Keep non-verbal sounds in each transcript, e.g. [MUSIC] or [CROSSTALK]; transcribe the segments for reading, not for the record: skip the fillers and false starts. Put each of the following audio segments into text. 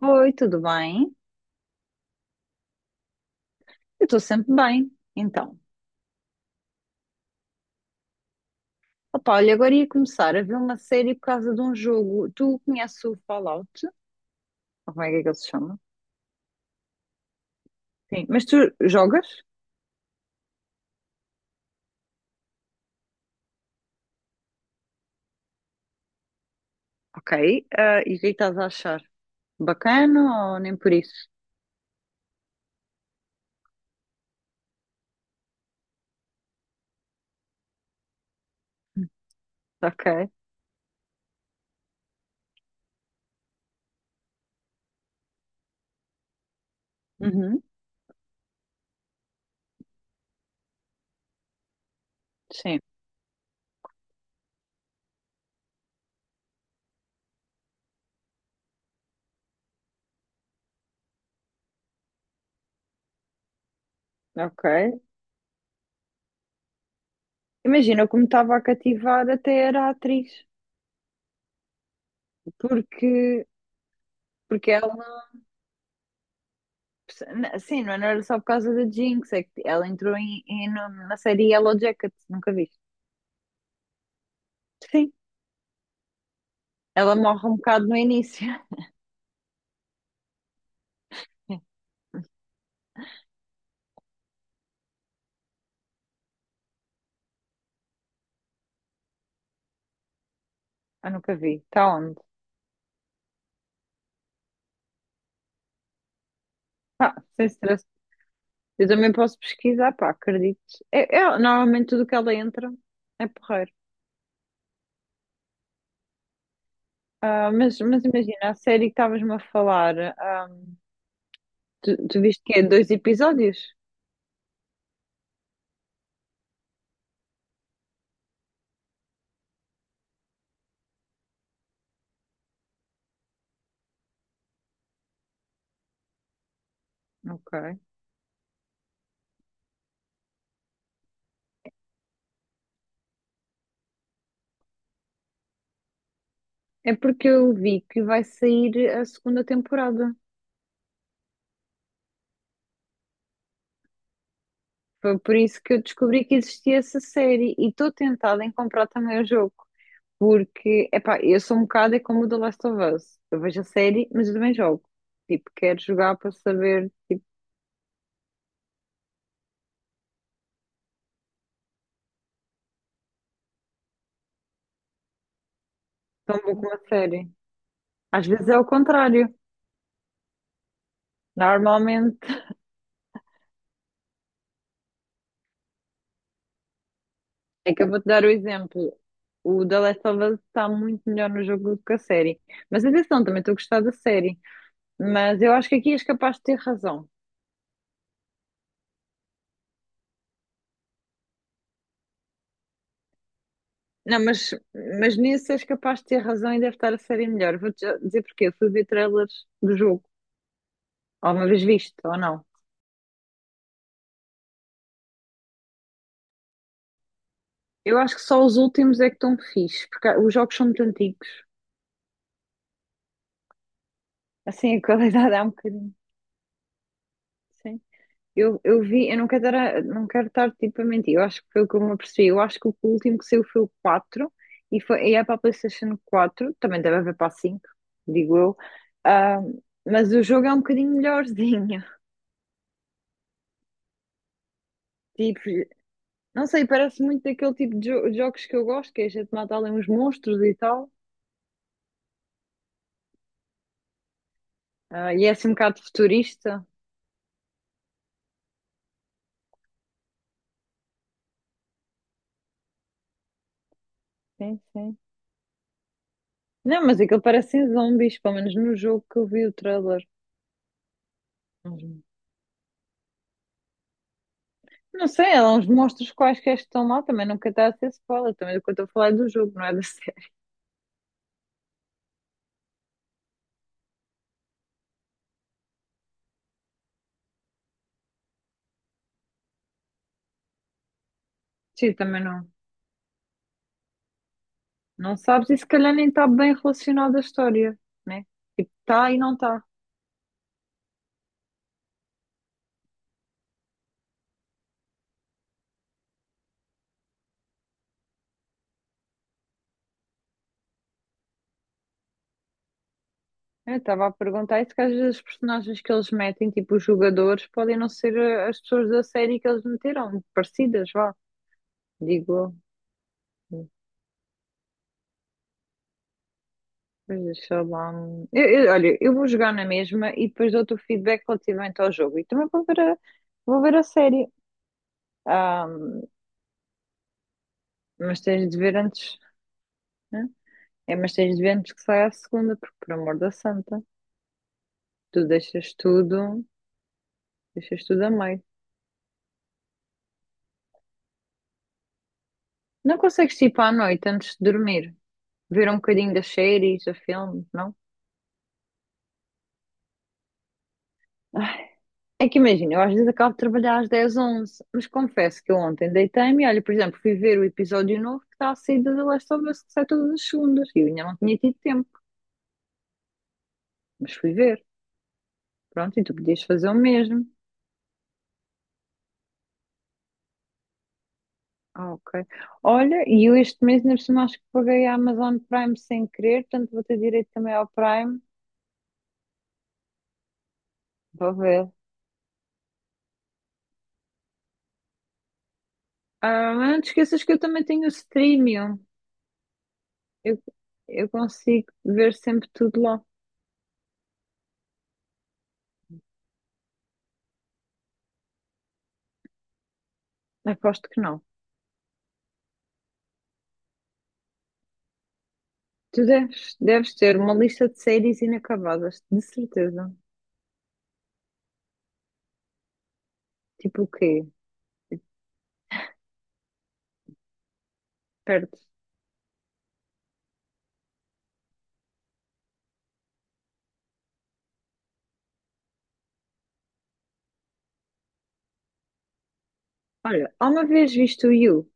Oi, tudo bem? Eu estou sempre bem. Então, opa, olha, agora ia começar a ver uma série por causa de um jogo. Tu conheces o Fallout? Ou como é que ele se chama? Sim, mas tu jogas? Ok. Ah, e o que é que estás a achar? Bacana ou nem por isso? [LAUGHS] Ok. Uhum. Sim, ok. Imagina como estava a cativar até era a atriz, porque, porque ela, sim, não era só por causa da Jinx, é que ela entrou na série Yellow Jacket, nunca viste? Sim. Ela morre um bocado no início. [LAUGHS] Eu nunca vi. Está onde? Pá, sem stress. Eu também posso pesquisar, pá, acredito. Normalmente tudo que ela entra é porreiro. Ah, mas imagina, a série que estavas-me a falar, ah, tu viste que é dois episódios? Ok. É porque eu vi que vai sair a segunda temporada. Foi por isso que eu descobri que existia essa série e estou tentada em comprar também o jogo. Porque, epá, eu sou um bocado é como o The Last of Us. Eu vejo a série, mas eu também jogo. Tipo, quero jogar para saber tão bom como a série. Às vezes é o contrário. Normalmente, [LAUGHS] é que eu vou-te dar o exemplo. O The Last of Us está muito melhor no jogo do que a série. Mas atenção, também estou a gostar da série. Mas eu acho que aqui és capaz de ter razão. Não, mas nisso és capaz de ter razão e deve estar a série melhor. Vou-te já dizer porquê. Eu fui ver trailers do jogo. Alguma vez visto ou não? Eu acho que só os últimos é que estão fixe, porque os jogos são muito antigos. Assim, a [LAUGHS] qualidade há um bocadinho. Sim. Eu vi, eu não quero estar, não quero estar tipo a mentir, eu acho que foi o que eu me apercebi. Eu acho que o último que saiu foi o 4 e, foi, e é para a PlayStation quatro. Também deve haver para a 5, digo eu. Ah, mas o jogo é um bocadinho melhorzinho. [LAUGHS] Tipo, não sei, parece muito daquele tipo de jogos que eu gosto, que é a gente mata ali uns monstros e tal. Ah, e é assim um bocado futurista. Sim, sim. Não, mas aquilo parecem zombies, pelo menos no jogo que eu vi o trailer. Mas não sei, há uns monstros quaisquer que estão lá, também nunca está a ser spoiler, também do que eu estou a falar é do jogo, não é da [LAUGHS] série. Sim, também não, não sabes e se calhar nem está bem relacionado à história, né? Tipo, está e não está. Eu estava a perguntar isso que às vezes os personagens que eles metem, tipo os jogadores, podem não ser as pessoas da série que eles meteram, parecidas, vá, digo eu. Pois, sei lá. Eu olha, eu vou jogar na mesma e depois dou-te o feedback relativamente ao jogo. E também vou ver a série. Ah, mas tens de ver antes, né? É, mas tens de ver antes que saia a segunda, porque por amor da santa, tu deixas tudo a meio. Não consegues tipo à noite antes de dormir, ver um bocadinho das séries, a filme, não? É que imagina, eu às vezes acabo de trabalhar às 10, 11, mas confesso que eu ontem deitei-me e olha, por exemplo, fui ver o episódio novo que está a sair da The Last of Us, que sai todas as segundas, e eu ainda não tinha tido tempo, mas fui ver. Pronto, e tu podias fazer o mesmo. Ah, ok. Olha, e eu este mês ainda por cima acho que paguei a Amazon Prime sem querer, portanto vou ter direito também ao Prime. Vou ver. Ah, mas não te esqueças que eu também tenho o Streamium. Eu, eu consigo ver sempre tudo lá. Aposto que não. Tu deves ter uma lista de séries inacabadas, de certeza. Tipo o quê? Perto. Olha, há uma vez visto o You.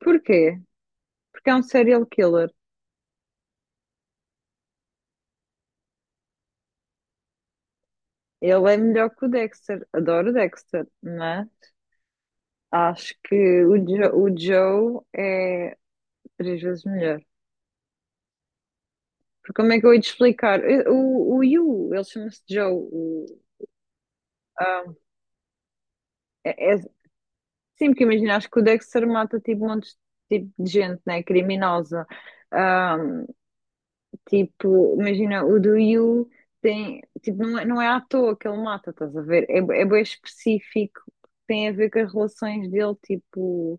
Porquê? Porque é um serial killer. Ele é melhor que o Dexter. Adoro o Dexter, mas acho que o, o Joe é três vezes melhor. Porque como é que eu ia te explicar? O You, ele chama-se Joe. O, ah, é, é- sim, porque imagina, acho que o Dexter mata tipo montes de, tipo, de gente, né? Criminosa. Ah, tipo, imagina, o do You tem, tipo, não é à toa que ele mata, estás a ver? É, é bem específico, tem a ver com as relações dele, tipo,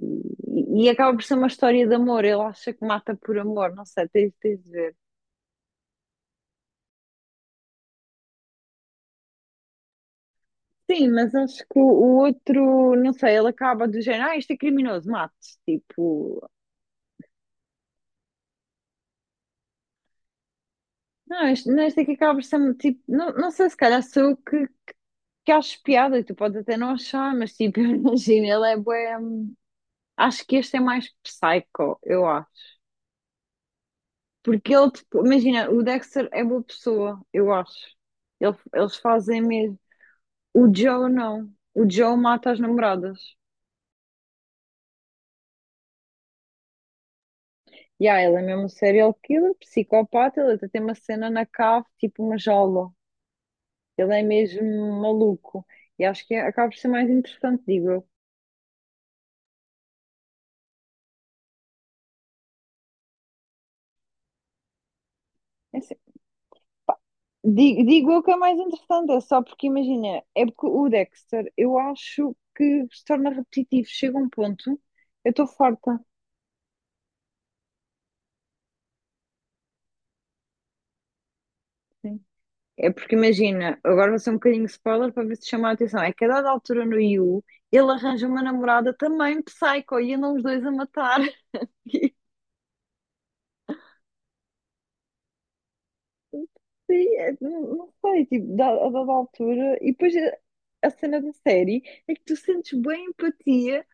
e acaba por ser uma história de amor. Ele acha que mata por amor, não sei, tens de ver. Sim, mas acho que o outro, não sei, ele acaba do género, ah, este é criminoso, mate tipo, não, este, não, este aqui acaba por ser, um tipo, não, não sei, se calhar sou eu que acho piada, e tu podes até não achar, mas tipo, [LAUGHS] imagina, ele é bué. Acho que este é mais psycho, eu acho. Porque ele, tipo, imagina, o Dexter é boa pessoa, eu acho. Eles fazem mesmo. O Joe não. O Joe mata as namoradas. E ah, ele é mesmo um serial killer, psicopata, ele até tem uma cena na cave, tipo uma jaula. Ele é mesmo maluco. E acho que acaba por ser mais interessante, digo eu. É assim, digo eu que é mais interessante, é só porque, imagina, é porque o Dexter, eu acho que se torna repetitivo. Chega um ponto, eu estou farta. Sim. É porque imagina, agora vai ser um bocadinho spoiler para ver se chama a atenção. É que a dada altura no Yu, ele arranja uma namorada também psycho e andam os dois a matar. [LAUGHS] Sim, é, não não sei, tipo, a dada altura. E depois a cena da série é que tu sentes bem empatia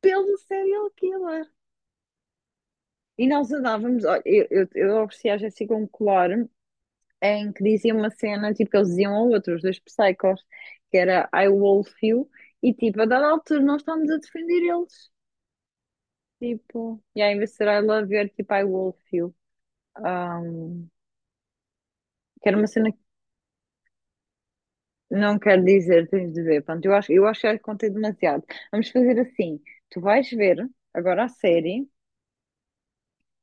pelo serial killer. E nós andávamos, olha, eu ofereci à Jéssica um colar em que dizia uma cena, tipo, que eles diziam ao outro, dois psychos, que era I wolf you, e tipo, a dada altura nós estávamos a defender eles, tipo, e aí em vez de ser I love you, era tipo I wolf you, um, que era uma cena que não quero dizer, tens de ver, pronto, eu acho que já contei demasiado. Vamos fazer assim, tu vais ver agora a série,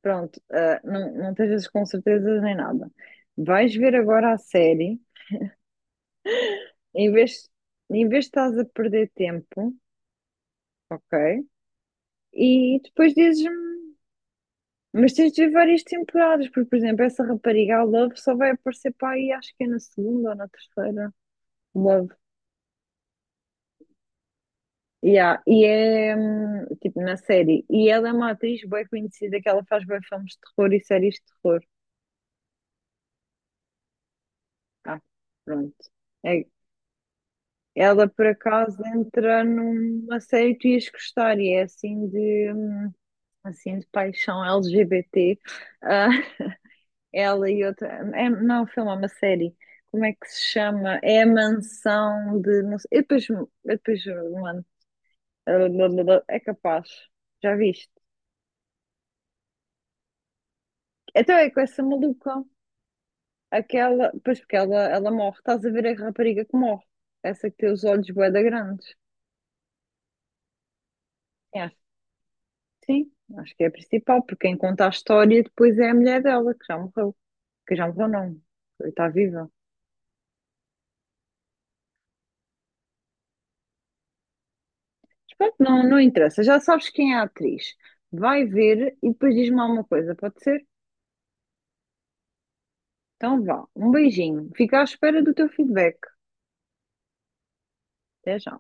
pronto, ah, não, não estejas com certezas nem nada, vais ver agora a série, em vez, em vez de estás a perder tempo, ok? E depois dizes-me, mas tens de ver várias temporadas, porque, por exemplo, essa rapariga, a Love, só vai aparecer para aí, acho que é na segunda ou na terceira. Love. Yeah. E é tipo na série. E ela é uma atriz bem conhecida que ela faz bem filmes de terror e séries de terror. Ah, pronto. É- ela por acaso entra numa série que tu ias gostar e é assim de paixão LGBT. Ela e outra. É, não é um filme, é uma série. Como é que se chama? É a mansão de. Não sei, eu depois, mano. É capaz. Já viste? Então é com essa maluca. Aquela. Pois porque ela morre. Estás a ver a rapariga que morre. Essa que tem os olhos bué da grandes. É. Sim, acho que é a principal, porque quem conta a história depois é a mulher dela, que já morreu. Que já morreu, não. Está viva. Pronto, não, não interessa, já sabes quem é a atriz. Vai ver e depois diz-me alguma coisa, pode ser? Então vá, um beijinho. Fica à espera do teu feedback. Até já.